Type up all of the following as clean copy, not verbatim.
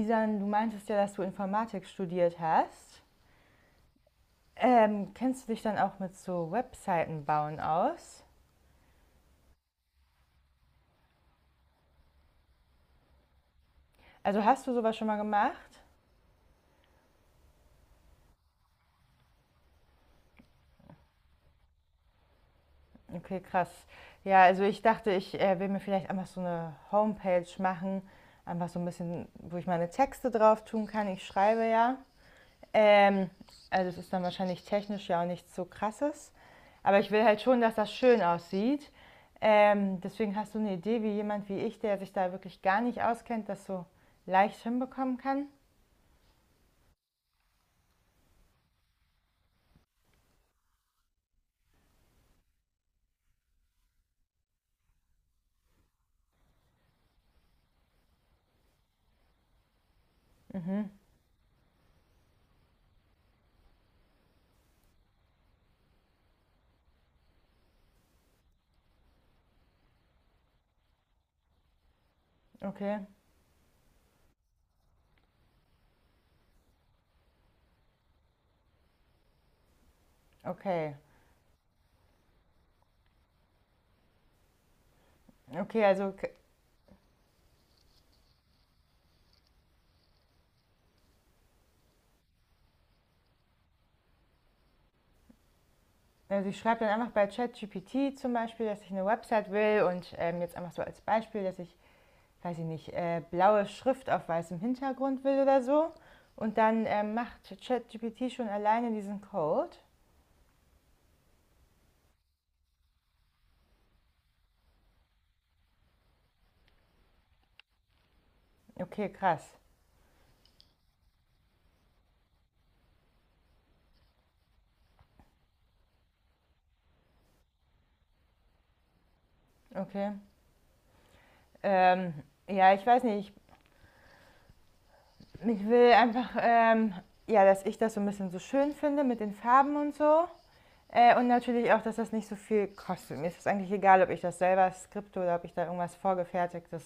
Isan, du meintest ja, dass du Informatik studiert hast. Kennst du dich dann auch mit so Webseiten bauen aus? Also hast du sowas schon mal gemacht? Okay, krass. Ja, also ich dachte, ich will mir vielleicht einfach so eine Homepage machen, einfach so ein bisschen, wo ich meine Texte drauf tun kann. Ich schreibe ja. Ähm, also es ist dann wahrscheinlich technisch ja auch nichts so krasses. Aber ich will halt schon, dass das schön aussieht. Deswegen, hast du eine Idee, wie jemand wie ich, der sich da wirklich gar nicht auskennt, das so leicht hinbekommen kann? Mhm. Okay, okay. Okay, also, k- also ich schreibe dann einfach bei ChatGPT zum Beispiel, dass ich eine Website will und jetzt einfach so als Beispiel, dass ich, weiß ich nicht, blaue Schrift auf weißem Hintergrund will oder so. Und dann macht ChatGPT schon alleine diesen Code. Okay, krass. Okay. Ähm, ja, ich weiß nicht. Ich will einfach, ja, dass ich das so ein bisschen so schön finde mit den Farben und so. Und natürlich auch, dass das nicht so viel kostet. Mir ist es eigentlich egal, ob ich das selber skripte oder ob ich da irgendwas vorgefertigtes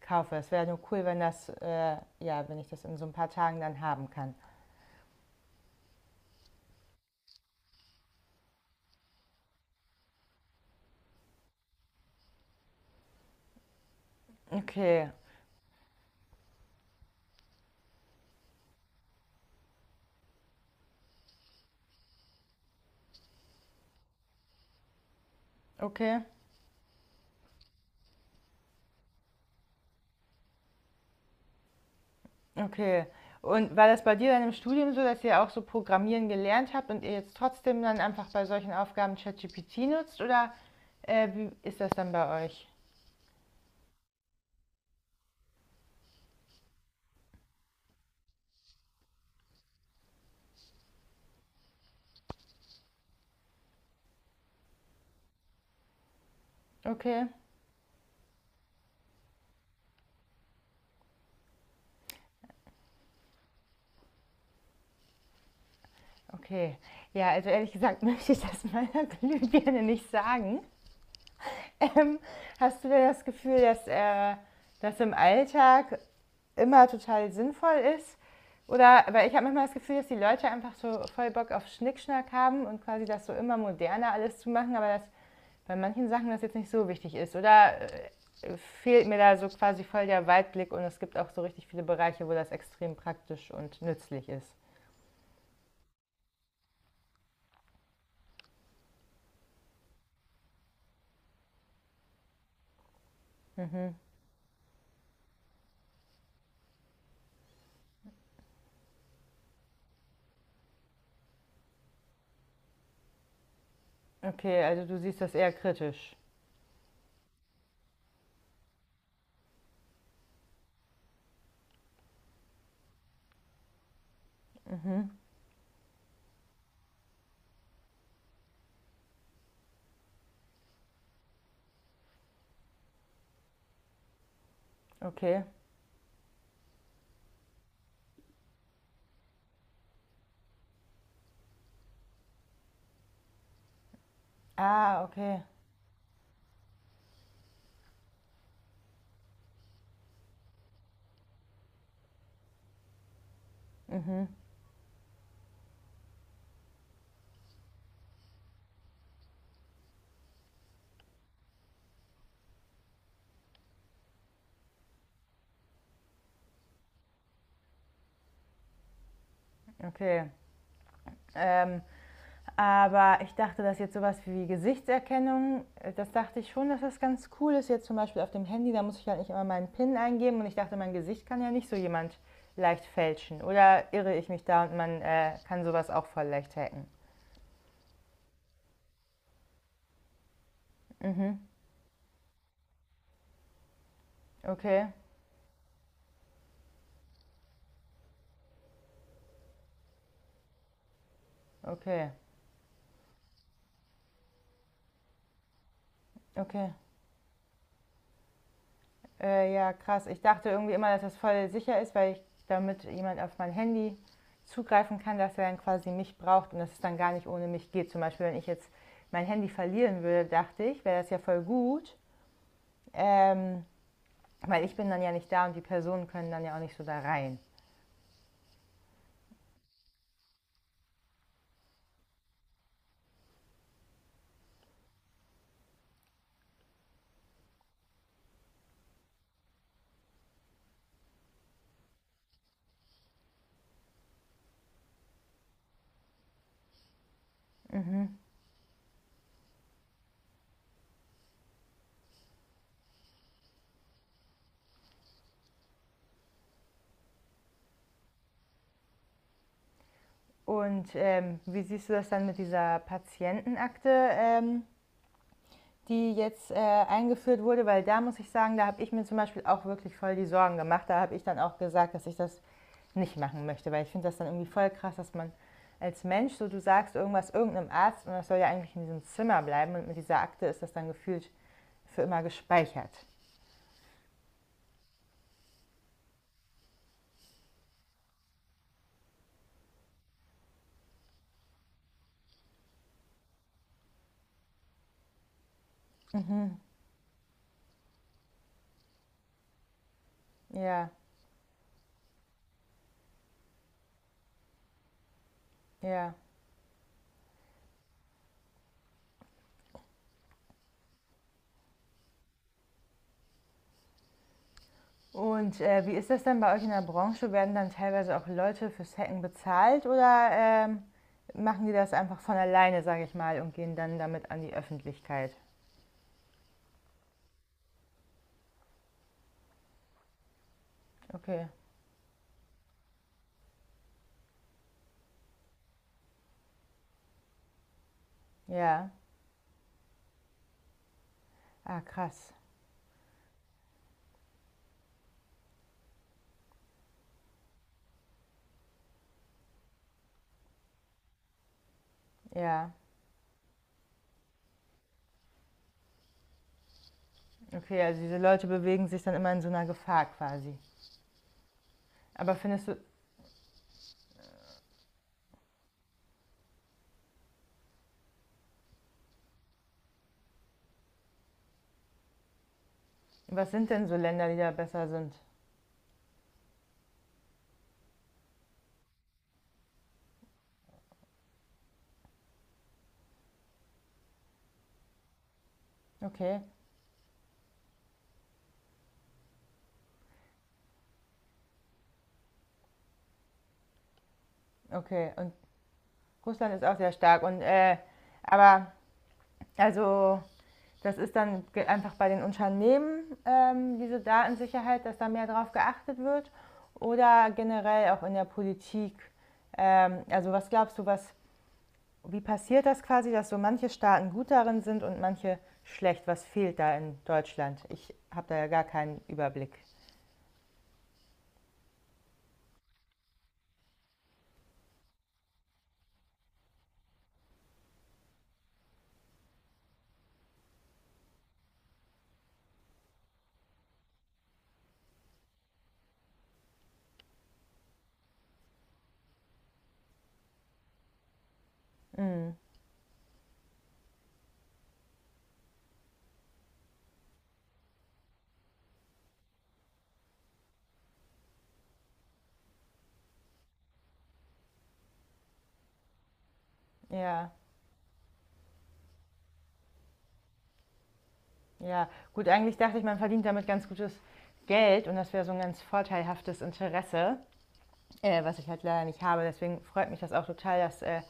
kaufe. Es wäre nur cool, wenn ja, wenn ich das in so ein paar Tagen dann haben kann. Okay, okay. Okay. Und war das bei dir dann im Studium so, dass ihr auch so Programmieren gelernt habt und ihr jetzt trotzdem dann einfach bei solchen Aufgaben ChatGPT nutzt? Oder wie ist das dann bei euch? Okay, okay. Ja, also ehrlich gesagt möchte ich das meiner Glühbirne nicht sagen. Ähm, Hast du denn das Gefühl, dass das im Alltag immer total sinnvoll ist. Oder, aber ich habe manchmal das Gefühl, dass die Leute einfach so voll Bock auf Schnickschnack haben und quasi das so immer moderner alles zu machen, aber dass bei manchen Sachen das jetzt nicht so wichtig ist. Oder fehlt mir da so quasi voll der Weitblick und es gibt auch so richtig viele Bereiche, wo das extrem praktisch und nützlich ist. Mhm. Okay, also du siehst das eher kritisch. Okay. Ah, okay. Mhm. Okay. Ähm, aber ich dachte, dass jetzt sowas wie Gesichtserkennung, das dachte ich schon, dass das ganz cool ist. Jetzt zum Beispiel auf dem Handy, da muss ich ja nicht immer meinen PIN eingeben und ich dachte, mein Gesicht kann ja nicht so jemand leicht fälschen. Oder irre ich mich da und man kann sowas auch voll leicht hacken? Mhm. Okay, okay, okay. Ja, krass. Ich dachte irgendwie immer, dass das voll sicher ist, weil ich damit jemand auf mein Handy zugreifen kann, dass er dann quasi mich braucht und dass es dann gar nicht ohne mich geht. Zum Beispiel, wenn ich jetzt mein Handy verlieren würde, dachte ich, wäre das ja voll gut, ähm, weil ich bin dann ja nicht da und die Personen können dann ja auch nicht so da rein. Mhm. Und wie siehst du das dann mit dieser Patientenakte, die jetzt eingeführt wurde? Weil da muss ich sagen, da habe ich mir zum Beispiel auch wirklich voll die Sorgen gemacht. Da habe ich dann auch gesagt, dass ich das nicht machen möchte, weil ich finde das dann irgendwie voll krass, dass man als Mensch so du sagst irgendwas irgendeinem Arzt und das soll ja eigentlich in diesem Zimmer bleiben und mit dieser Akte ist das dann gefühlt für immer gespeichert. Mhm. Ja, ja. Und wie ist das denn bei euch in der Branche? Werden dann teilweise auch Leute fürs Hacken bezahlt oder machen die das einfach von alleine, sage ich mal, und gehen dann damit an die Öffentlichkeit? Okay, ja. Ah, krass. Ja, okay, also diese Leute bewegen sich dann immer in so einer Gefahr quasi. Aber findest du, was sind denn so Länder, die da besser sind? Okay, okay. Und Russland ist auch sehr stark. Und aber also das ist dann einfach bei den Unternehmen diese Datensicherheit, dass da mehr drauf geachtet wird oder generell auch in der Politik. Also was glaubst du, was wie passiert das quasi, dass so manche Staaten gut darin sind und manche schlecht? Was fehlt da in Deutschland? Ich habe da ja gar keinen Überblick. Mm, ja. Ja, gut, eigentlich dachte ich, man verdient damit ganz gutes Geld und das wäre so ein ganz vorteilhaftes Interesse, was ich halt leider nicht habe. Deswegen freut mich das auch total, dass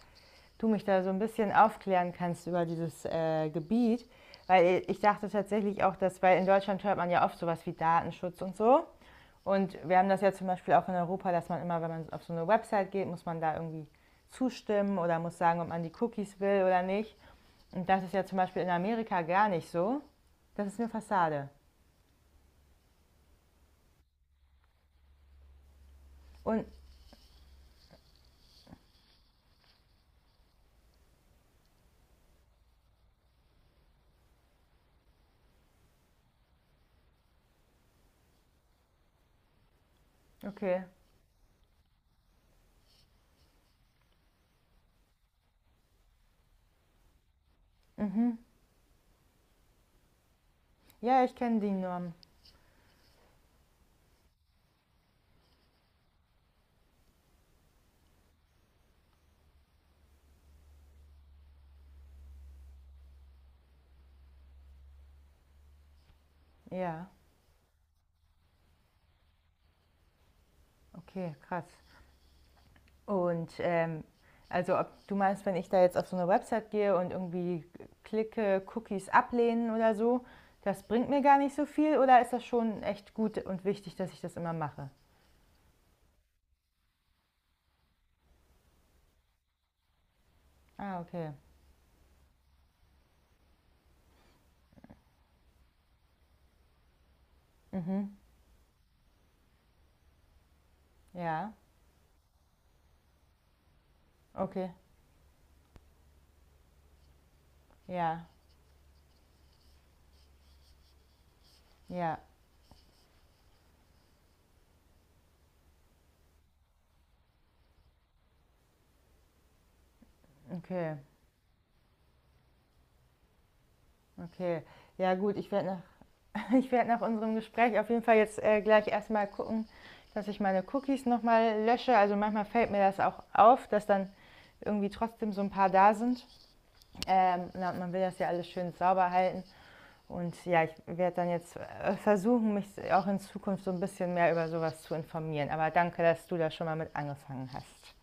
du mich da so ein bisschen aufklären kannst über dieses Gebiet. Weil ich dachte tatsächlich auch, dass, weil in Deutschland hört man ja oft sowas wie Datenschutz und so. Und wir haben das ja zum Beispiel auch in Europa, dass man immer, wenn man auf so eine Website geht, muss man da irgendwie zustimmen oder muss sagen, ob man die Cookies will oder nicht. Und das ist ja zum Beispiel in Amerika gar nicht so. Das ist eine Fassade. Und, okay. Mhm. Ja, ich kenne die Norm. Ja, okay, krass. Und also ob du meinst, wenn ich da jetzt auf so eine Website gehe und irgendwie klicke, Cookies ablehnen oder so, das bringt mir gar nicht so viel oder ist das schon echt gut und wichtig, dass ich das immer mache? Ah, okay. Mhm. Ja, okay. Ja, ja, okay, okay. Ja, gut. Ich werde nach unserem Gespräch auf jeden Fall jetzt gleich erstmal gucken, dass ich meine Cookies nochmal lösche. Also manchmal fällt mir das auch auf, dass dann irgendwie trotzdem so ein paar da sind. Na, man will das ja alles schön sauber halten. Und ja, ich werde dann jetzt versuchen, mich auch in Zukunft so ein bisschen mehr über sowas zu informieren. Aber danke, dass du da schon mal mit angefangen hast.